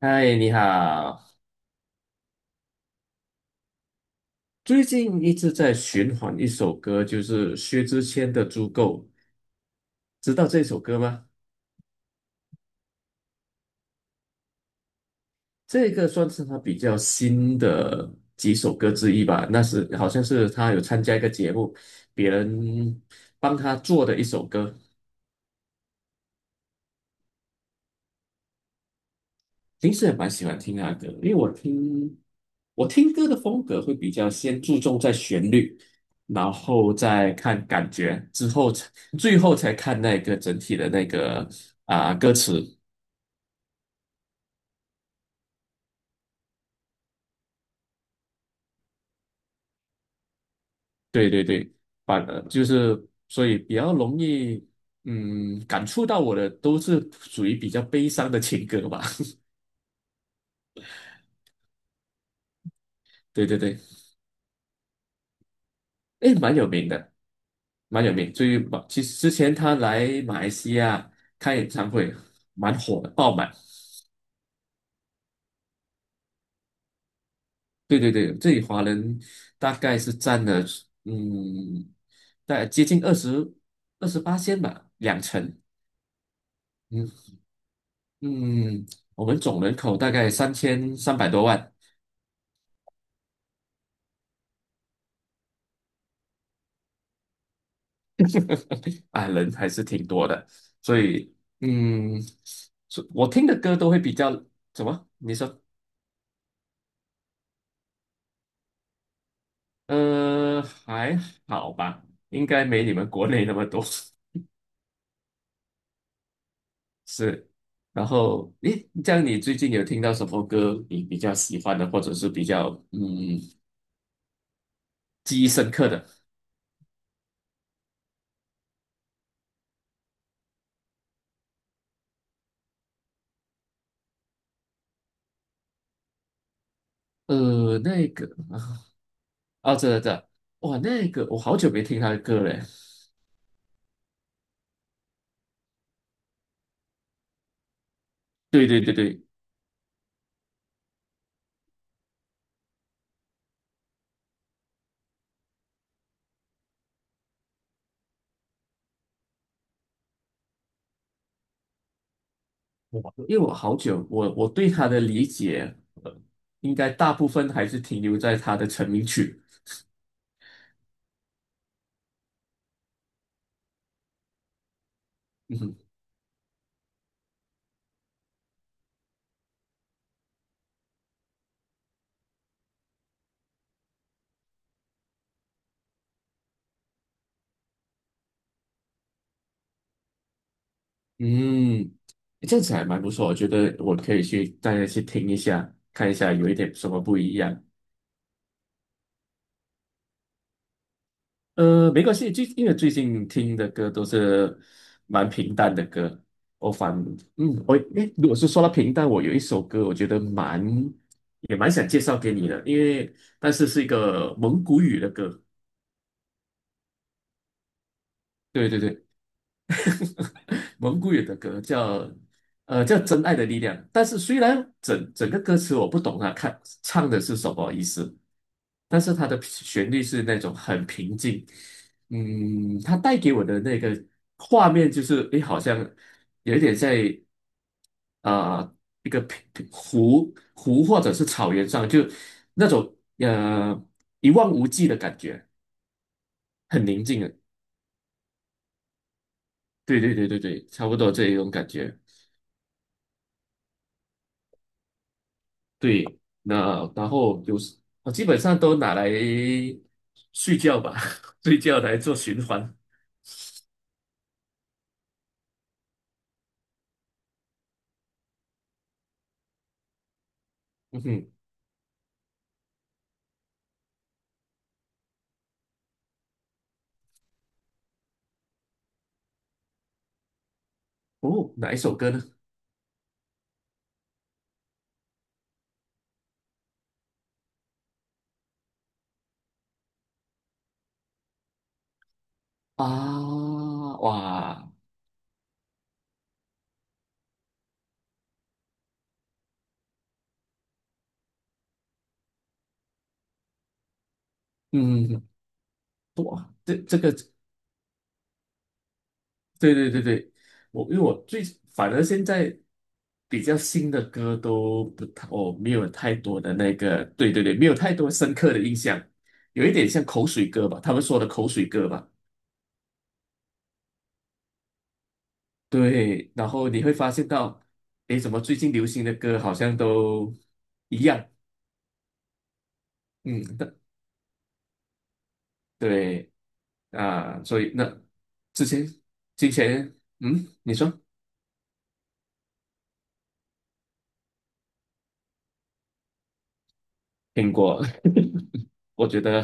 嗨，你好。最近一直在循环一首歌，就是薛之谦的《足够》，知道这首歌吗？这个算是他比较新的几首歌之一吧。那是好像是他有参加一个节目，别人帮他做的一首歌。平时也蛮喜欢听他的歌，因为我听歌的风格会比较先注重在旋律，然后再看感觉，之后才最后才看那个整体的那个歌词。对对对，就是所以比较容易，嗯，感触到我的都是属于比较悲伤的情歌吧。对对对，诶，蛮有名的，蛮有名。最近其实之前他来马来西亚开演唱会，蛮火的，爆满。对对对，这里华人大概是占了，嗯，大概接近二十28仙吧，两成。嗯嗯，我们总人口大概3,300多万。啊，人还是挺多的，所以嗯，我听的歌都会比较怎么？你说，还好吧，应该没你们国内那么多。是，然后诶，这样你最近有听到什么歌你比较喜欢的，或者是比较记忆深刻的？呃，那个这哇，那个我好久没听他的歌了。对对对对，因为我好久，我对他的理解，呃，应该大部分还是停留在他的成名曲。嗯哼嗯，这样子还蛮不错，我觉得我可以去大家去听一下，看一下有一点什么不一样。没关系，因为最近听的歌都是蛮平淡的歌，我反嗯，我诶，如果是说到平淡，我有一首歌，我觉得也蛮想介绍给你的，但是是一个蒙古语的歌。对对对。蒙古语的歌叫《真爱的力量》，但是虽然整个歌词我不懂啊，看唱的是什么意思，但是它的旋律是那种很平静，它带给我的那个画面就是，好像有一点在啊、呃一个平湖或者是草原上，就那种一望无际的感觉，很宁静的，对对对对对，差不多这一种感觉。对，那然后就是我基本上都拿来睡觉吧，睡觉来做循环。嗯哼，哦，哪一首歌呢？啊，哇，嗯，哇，这个，对对对对，我因为我最反而现在比较新的歌都不太，我没有太多的那个，对对对，没有太多深刻的印象，有一点像口水歌吧，他们说的口水歌吧。对，然后你会发现到，诶，怎么最近流行的歌好像都一样？嗯，那对啊，所以那之前之前，你说听过？我觉得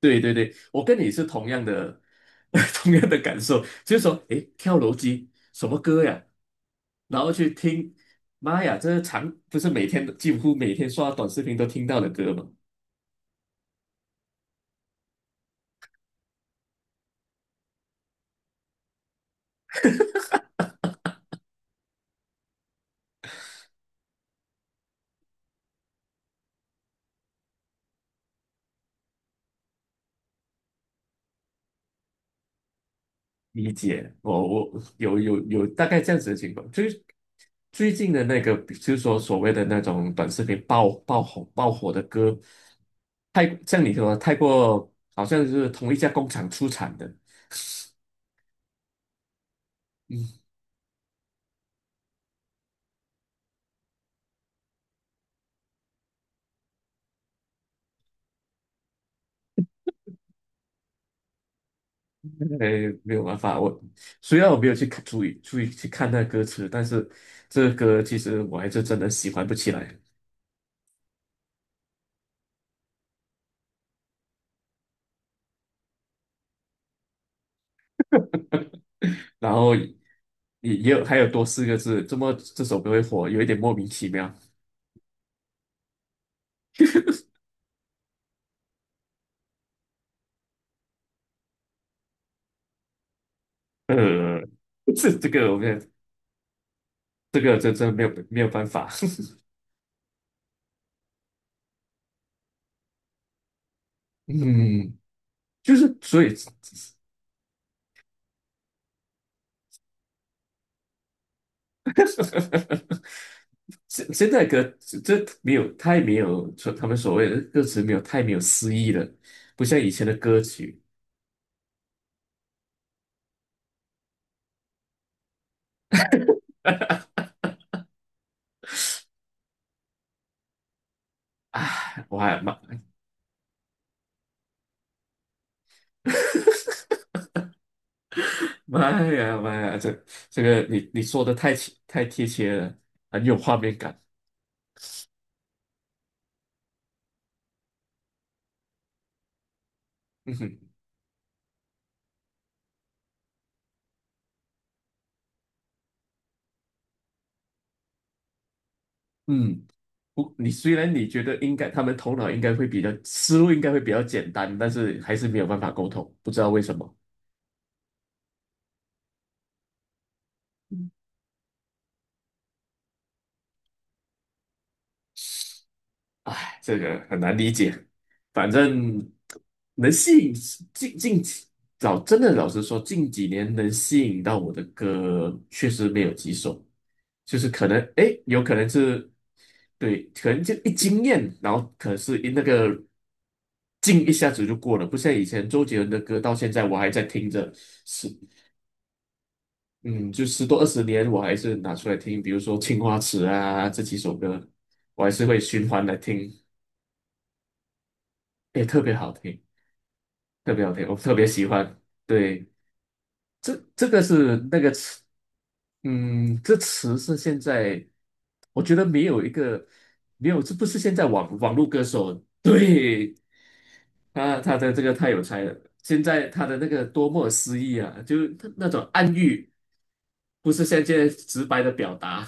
对对对，我跟你是同样的 同样的感受，就是说，诶，跳楼机什么歌呀？然后去听，妈呀，这不是每天几乎每天刷短视频都听到的歌吗？理解，我有大概这样子的情况，就是最近的那个，就是说所谓的那种短视频爆火的歌，太像你说的太过，好像是同一家工厂出产的，嗯，哎，没有办法，虽然我没有去看注意去看那歌词，但是这个歌其实我还是真的喜欢不起来。然后也有还有多四个字，这首歌会火，有一点莫名其妙。呃，这个我们这个没有办法，嗯，就是所以，现在歌这没有太没有他们所谓的歌词没有太没有诗意了，不像以前的歌曲，唉，我还蛮。妈呀妈呀，这个你说的太贴切了，很有画面感。嗯哼，嗯，不，虽然你觉得应该他们头脑应该会比较思路应该会比较简单，但是还是没有办法沟通，不知道为什么。哎，这个很难理解。反正能吸引近近几老真的老实说，近几年能吸引到我的歌确实没有几首，就是可能诶，有可能是对，可能就一惊艳，然后可是一劲一下子就过了，不像以前周杰伦的歌，到现在我还在听着，十嗯，就10多20年，我还是拿出来听，比如说《青花瓷》啊这几首歌，我还是会循环来听，也特别好听。特别好听，我特别喜欢。对，这个是那个词，这词是现在我觉得没有一个没有，这不是现在网络歌手对他的这个太有才了。现在他的那个多么诗意啊，就是他那种暗喻，不是像现在直白的表达。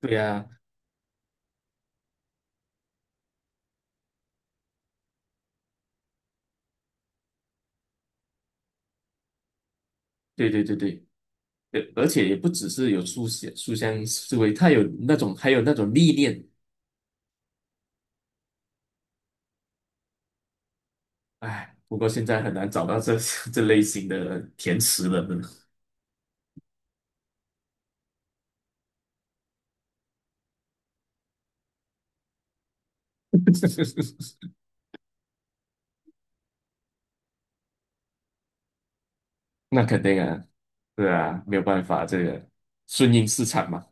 对呀、对对对对，对而且也不只是有书香思维，他有那种还有那种历练。哎，不过现在很难找到这 这类型的填词人了。那肯定啊，对啊，没有办法，这个顺应市场嘛。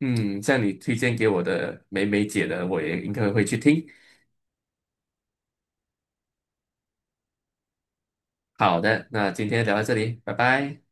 嗯，像你推荐给我的美美姐的，我也应该会去听。好的，那今天聊到这里，拜拜。